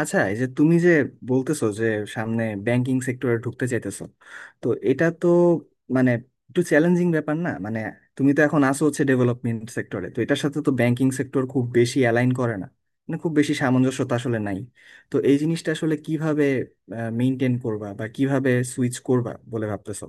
আচ্ছা, এই যে তুমি যে বলতেছো যে সামনে ব্যাংকিং সেক্টরে ঢুকতে চাইতেছো, তো এটা তো মানে একটু চ্যালেঞ্জিং ব্যাপার না? মানে তুমি তো এখন আসো হচ্ছে ডেভেলপমেন্ট সেক্টরে, তো এটার সাথে তো ব্যাংকিং সেক্টর খুব বেশি অ্যালাইন করে না, মানে খুব বেশি সামঞ্জস্যতা আসলে নাই। তো এই জিনিসটা আসলে কিভাবে মেনটেন করবা বা কিভাবে সুইচ করবা বলে ভাবতেছো?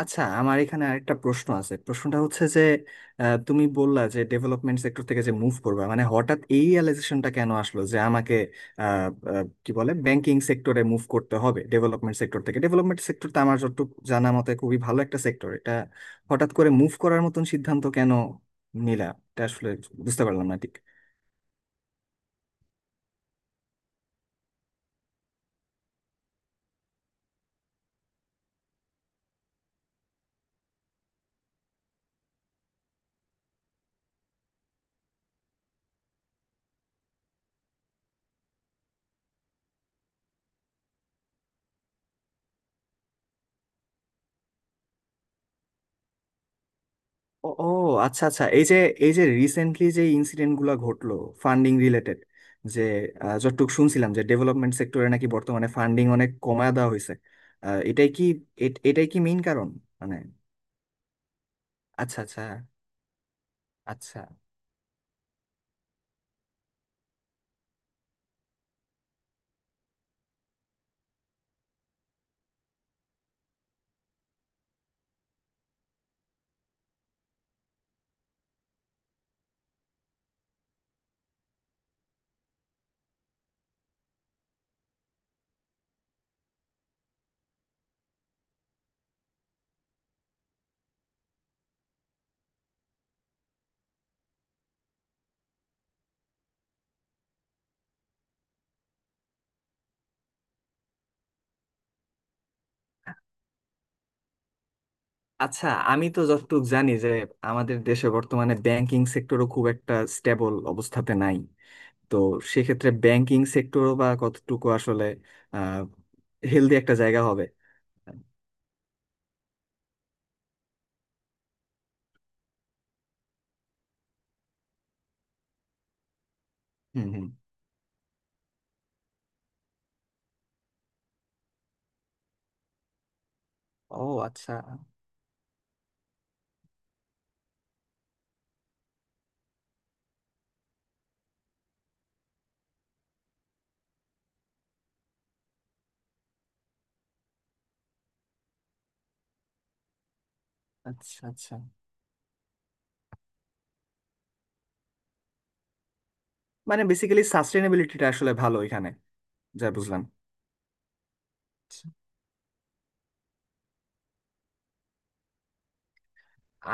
আচ্ছা, আমার এখানে আরেকটা প্রশ্ন আছে। প্রশ্নটা হচ্ছে যে তুমি বললা যে ডেভেলপমেন্ট সেক্টর থেকে যে মুভ করবে, মানে হঠাৎ এই রিয়েলাইজেশনটা কেন আসলো যে আমাকে আহ, আহ, কি বলে ব্যাংকিং সেক্টরে মুভ করতে হবে, ডেভেলপমেন্ট সেক্টর থেকে। ডেভেলপমেন্ট সেক্টর তো আমার যতটুকু জানা মতে খুবই ভালো একটা সেক্টর। এটা হঠাৎ করে মুভ করার মতন সিদ্ধান্ত কেন নিলা? এটা আসলে বুঝতে পারলাম না ঠিক। ও, ও, আচ্ছা, আচ্ছা, এই যে রিসেন্টলি যে ইনসিডেন্ট গুলা ঘটলো, ফান্ডিং রিলেটেড, যে যতটুকু শুনছিলাম যে ডেভেলপমেন্ট সেক্টরে নাকি বর্তমানে ফান্ডিং অনেক কমায় দেওয়া হয়েছে। এটাই কি এটাই কি মেইন কারণ, মানে? আচ্ছা, আচ্ছা। আচ্ছা, আচ্ছা। আমি তো যতটুকু জানি যে আমাদের দেশে বর্তমানে ব্যাংকিং সেক্টরও খুব একটা স্টেবল অবস্থাতে নাই। তো সেক্ষেত্রে ব্যাংকিং সেক্টরও বা কতটুকু আসলে আহ হেলদি একটা জায়গা হবে? হুম, হুম। ও আচ্ছা, আচ্ছা, আচ্ছা। মানে বেসিক্যালি সাস্টেনেবিলিটিটা আসলে ভালো এখানে, যা বুঝলাম। আচ্ছা।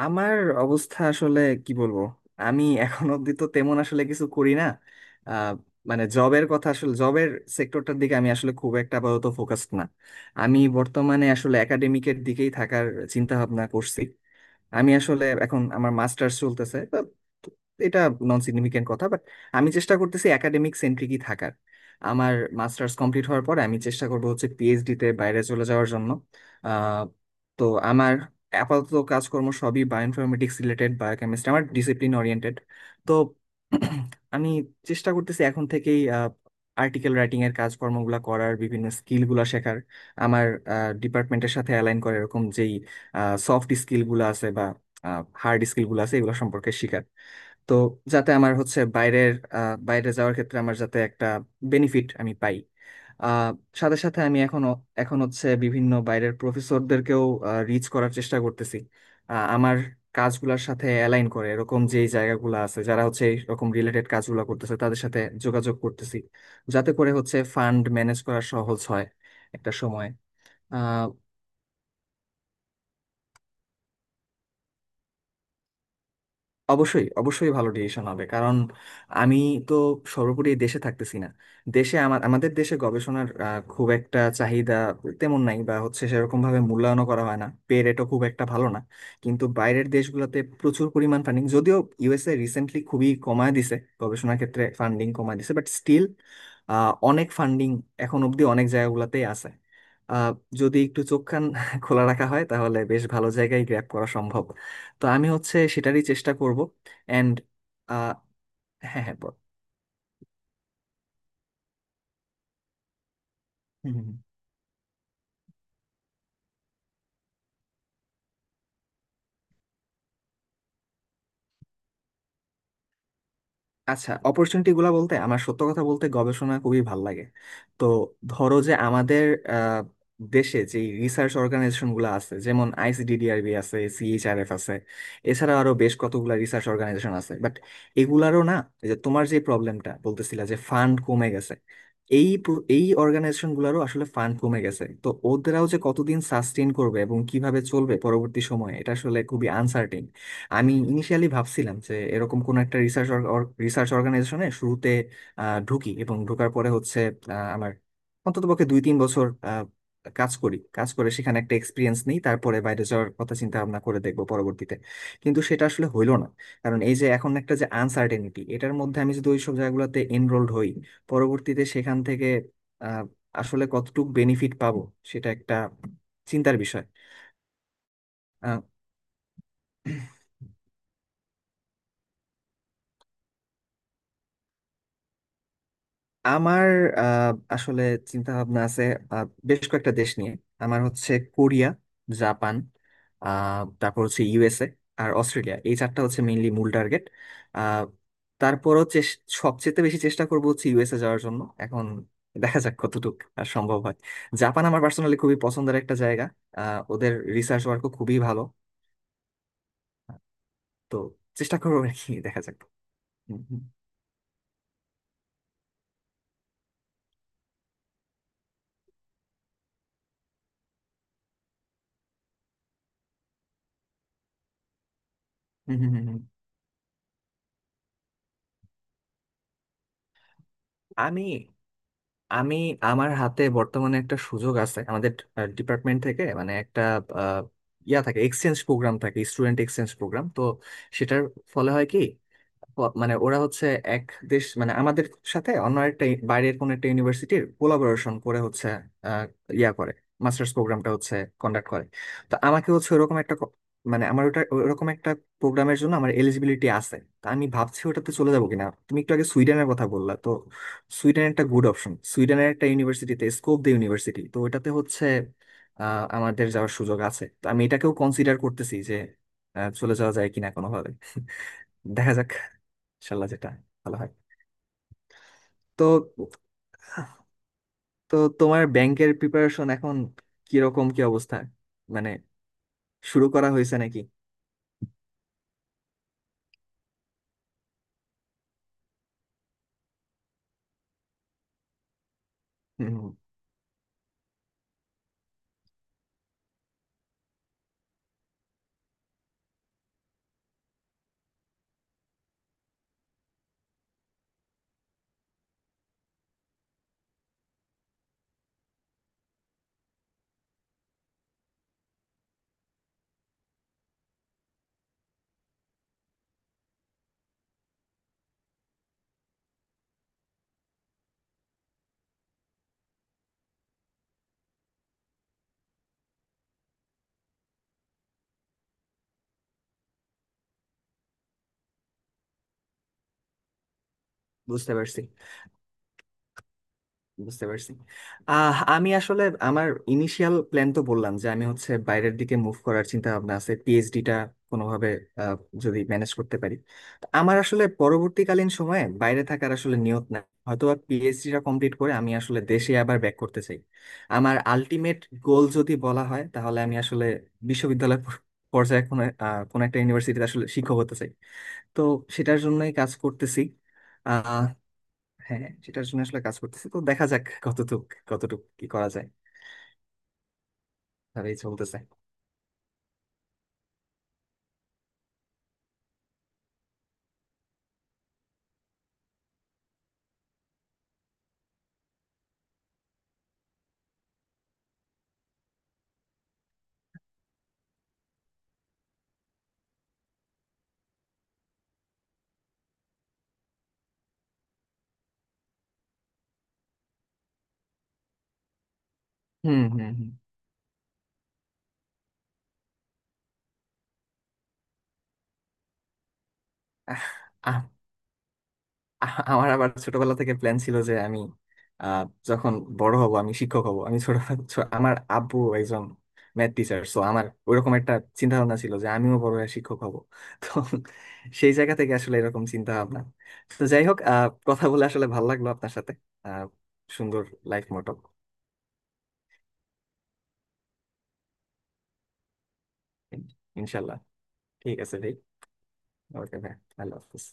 আমার অবস্থা আসলে কি বলবো, আমি এখন অব্দি তো তেমন আসলে কিছু করি না। আহ, মানে জবের কথা, আসলে জবের সেক্টরটার দিকে আমি আসলে খুব একটা আপাতত ফোকাসড না। আমি বর্তমানে আসলে একাডেমিকের দিকেই থাকার চিন্তা ভাবনা করছি। আমি আসলে এখন আমার মাস্টার্স চলতেছে, তো এটা নন সিগনিফিকেন্ট কথা, বাট আমি চেষ্টা করতেছি একাডেমিক সেন্ট্রিকই থাকার। আমার মাস্টার্স কমপ্লিট হওয়ার পরে আমি চেষ্টা করব হচ্ছে পিএইচডি তে বাইরে চলে যাওয়ার জন্য। আহ, তো আমার আপাতত কাজকর্ম সবই বায়োইনফরমেটিক্স রিলেটেড, বায়োকেমিস্ট্রি আমার ডিসিপ্লিন ওরিয়েন্টেড। তো আমি চেষ্টা করতেছি এখন থেকেই আর্টিকেল রাইটিং এর কাজকর্মগুলো করার, বিভিন্ন স্কিলগুলো শেখার, আমার ডিপার্টমেন্টের সাথে অ্যালাইন করে এরকম যেই সফট স্কিল গুলো আছে বা হার্ড স্কিল গুলো আছে এগুলো সম্পর্কে শিখার। তো যাতে আমার হচ্ছে বাইরে যাওয়ার ক্ষেত্রে আমার যাতে একটা বেনিফিট আমি পাই। আহ, সাথে সাথে আমি এখন এখন হচ্ছে বিভিন্ন বাইরের প্রফেসরদেরকেও রিচ করার চেষ্টা করতেছি। আমার কাজগুলোর সাথে অ্যালাইন করে এরকম যেই জায়গাগুলো আছে, যারা হচ্ছে এরকম রিলেটেড কাজগুলো করতেছে, তাদের সাথে যোগাযোগ করতেছি, যাতে করে হচ্ছে ফান্ড ম্যানেজ করা সহজ হয় একটা সময়। অবশ্যই, অবশ্যই ভালো ডিসিশন হবে। কারণ আমি তো সর্বোপরি এই দেশে থাকতেছি না। দেশে আমার আমাদের দেশে গবেষণার খুব একটা চাহিদা তেমন নাই, বা হচ্ছে সেরকম ভাবে মূল্যায়নও করা হয় না, পে রেটও খুব একটা ভালো না। কিন্তু বাইরের দেশগুলোতে প্রচুর পরিমাণ ফান্ডিং, যদিও ইউএসএ রিসেন্টলি খুবই কমায় দিছে, গবেষণার ক্ষেত্রে ফান্ডিং কমায় দিছে, বাট স্টিল অনেক ফান্ডিং এখন অবধি অনেক জায়গাগুলোতেই আছে। আহ, যদি একটু চোখ কান খোলা রাখা হয় তাহলে বেশ ভালো জায়গায় গ্র্যাব করা সম্ভব। তো আমি হচ্ছে সেটারই চেষ্টা করব অ্যান্ড... হ্যাঁ, হ্যাঁ, বল। হুম, হুম, হুম। আচ্ছা, অপরচুনিটি গুলা বলতে, আমার সত্য কথা বলতে গবেষণা খুবই ভাল লাগে। তো ধরো যে আমাদের আহ, দেশে যে রিসার্চ অর্গানাইজেশন গুলো আছে, যেমন আইসিডিডিআরবি আছে, সিএইচআরএফ আছে, এছাড়া আরো বেশ কতগুলা রিসার্চ অর্গানাইজেশন আছে, বাট এগুলারও না, এই যে তোমার যে প্রবলেমটা বলতেছিলা যে ফান্ড কমে গেছে, এই অর্গানাইজেশন গুলারও আসলে ফান্ড কমে গেছে। তো ওদেরাও যে কতদিন সাস্টেইন করবে এবং কিভাবে চলবে পরবর্তী সময়ে, এটা আসলে খুবই আনসার্টিন। আমি ইনিশিয়ালি ভাবছিলাম যে এরকম কোন একটা রিসার্চ রিসার্চ অর্গানাইজেশনে শুরুতে ঢুকি, এবং ঢোকার পরে হচ্ছে আমার অন্ততপক্ষে 2-3 বছর কাজ করি, কাজ করে সেখানে একটা এক্সপিরিয়েন্স নিই, তারপরে বাইরে যাওয়ার কথা চিন্তা ভাবনা করে দেখবো পরবর্তীতে। কিন্তু সেটা আসলে হইলো না, কারণ এই যে এখন একটা যে আনসার্টেনিটি, এটার মধ্যে আমি যদি ওইসব জায়গাগুলোতে এনরোলড হই, পরবর্তীতে সেখান থেকে আহ, আসলে কতটুকু বেনিফিট পাবো সেটা একটা চিন্তার বিষয়। আহ, আমার আহ, আসলে চিন্তা ভাবনা আছে বেশ কয়েকটা দেশ নিয়ে। আমার হচ্ছে কোরিয়া, জাপান, তারপর হচ্ছে ইউএসএ আর অস্ট্রেলিয়া, এই 4টা হচ্ছে মেইনলি মূল টার্গেট। তারপরও সবচেয়ে বেশি চেষ্টা করব হচ্ছে ইউএসএ যাওয়ার জন্য। এখন দেখা যাক কতটুকু আর সম্ভব হয়। জাপান আমার পার্সোনালি খুবই পছন্দের একটা জায়গা। ওদের রিসার্চ ওয়ার্কও খুবই ভালো। তো চেষ্টা করবো আর কি, দেখা যাক। হুম, হুম, হুম, হুম, হুম। আমি আমি আমার হাতে বর্তমানে একটা সুযোগ আছে আমাদের ডিপার্টমেন্ট থেকে, মানে একটা আহ, ইয়া থাকে, এক্সচেঞ্জ প্রোগ্রাম থাকে, স্টুডেন্ট এক্সচেঞ্জ প্রোগ্রাম। তো সেটার ফলে হয় কি, মানে ওরা হচ্ছে এক দেশ, মানে আমাদের সাথে অন্য একটা বাইরের কোনো একটা ইউনিভার্সিটির কোলাবোরেশন করে হচ্ছে আহ, ইয়া করে মাস্টার্স প্রোগ্রামটা হচ্ছে কন্ডাক্ট করে। তো আমাকে হচ্ছে ওরকম একটা মানে আমার ওটা, ওরকম একটা প্রোগ্রামের জন্য আমার এলিজিবিলিটি আছে। তা আমি ভাবছি ওটাতে চলে যাবো কিনা। তুমি একটু আগে সুইডেনের কথা বললা, তো সুইডেন একটা গুড অপশন। সুইডেনের একটা ইউনিভার্সিটিতে স্কোপ দি ইউনিভার্সিটি, তো ওটাতে হচ্ছে আমাদের যাওয়ার সুযোগ আছে। তো আমি এটাকেও কনসিডার করতেছি যে চলে যাওয়া যায় কিনা কোনোভাবে। দেখা যাক, ইনশাল্লাহ যেটা ভালো হয়। তো তো তোমার ব্যাংকের প্রিপারেশন এখন কিরকম, কি অবস্থা, মানে শুরু করা হয়েছে নাকি? হুম, বুঝতে পারছি, বুঝতে পারছি। আমি আসলে আমার ইনিশিয়াল প্ল্যান তো বললাম যে আমি হচ্ছে বাইরের দিকে মুভ করার চিন্তা ভাবনা আছে, পিএইচডিটা কোনোভাবে আহ, যদি ম্যানেজ করতে পারি। তো আমার আসলে পরবর্তীকালীন সময়ে বাইরে থাকার আসলে নিয়ত নাই, হয়তো পিএইচডিটা কমপ্লিট করে আমি আসলে দেশে আবার ব্যাক করতে চাই। আমার আলটিমেট গোল যদি বলা হয়, তাহলে আমি আসলে বিশ্ববিদ্যালয় পর্যায়ে কোনো একটা ইউনিভার্সিটিতে আসলে শিক্ষক হতে চাই। তো সেটার জন্যই কাজ করতেছি। হ্যাঁ, সেটার জন্য আসলে কাজ করতেছি। তো দেখা যাক কতটুক কতটুক কি করা যায়, তাহলে চলতেছে। হুম, হুম, হুম। আহ, আহ, আহ, আমার আবার ছোটবেলা থেকে প্ল্যান ছিল যে আমি, আহ, যখন বড় হব আমি শিক্ষক হব। আমার আব্বু একজন ম্যাথ টিচার, সো আমার ওইরকম একটা চিন্তা ভাবনা ছিল যে আমিও বড় হয়ে শিক্ষক হব। তো সেই জায়গা থেকে আসলে এরকম চিন্তা ভাবনা। তো যাই হোক, কথা বলে আসলে ভালো লাগলো আপনার সাথে। আহ, সুন্দর লাইফ মোটো। ইনশাল্লাহ। ঠিক আছে, ভাই। ওকে, ভাই। আল্লাহ হাফিজ।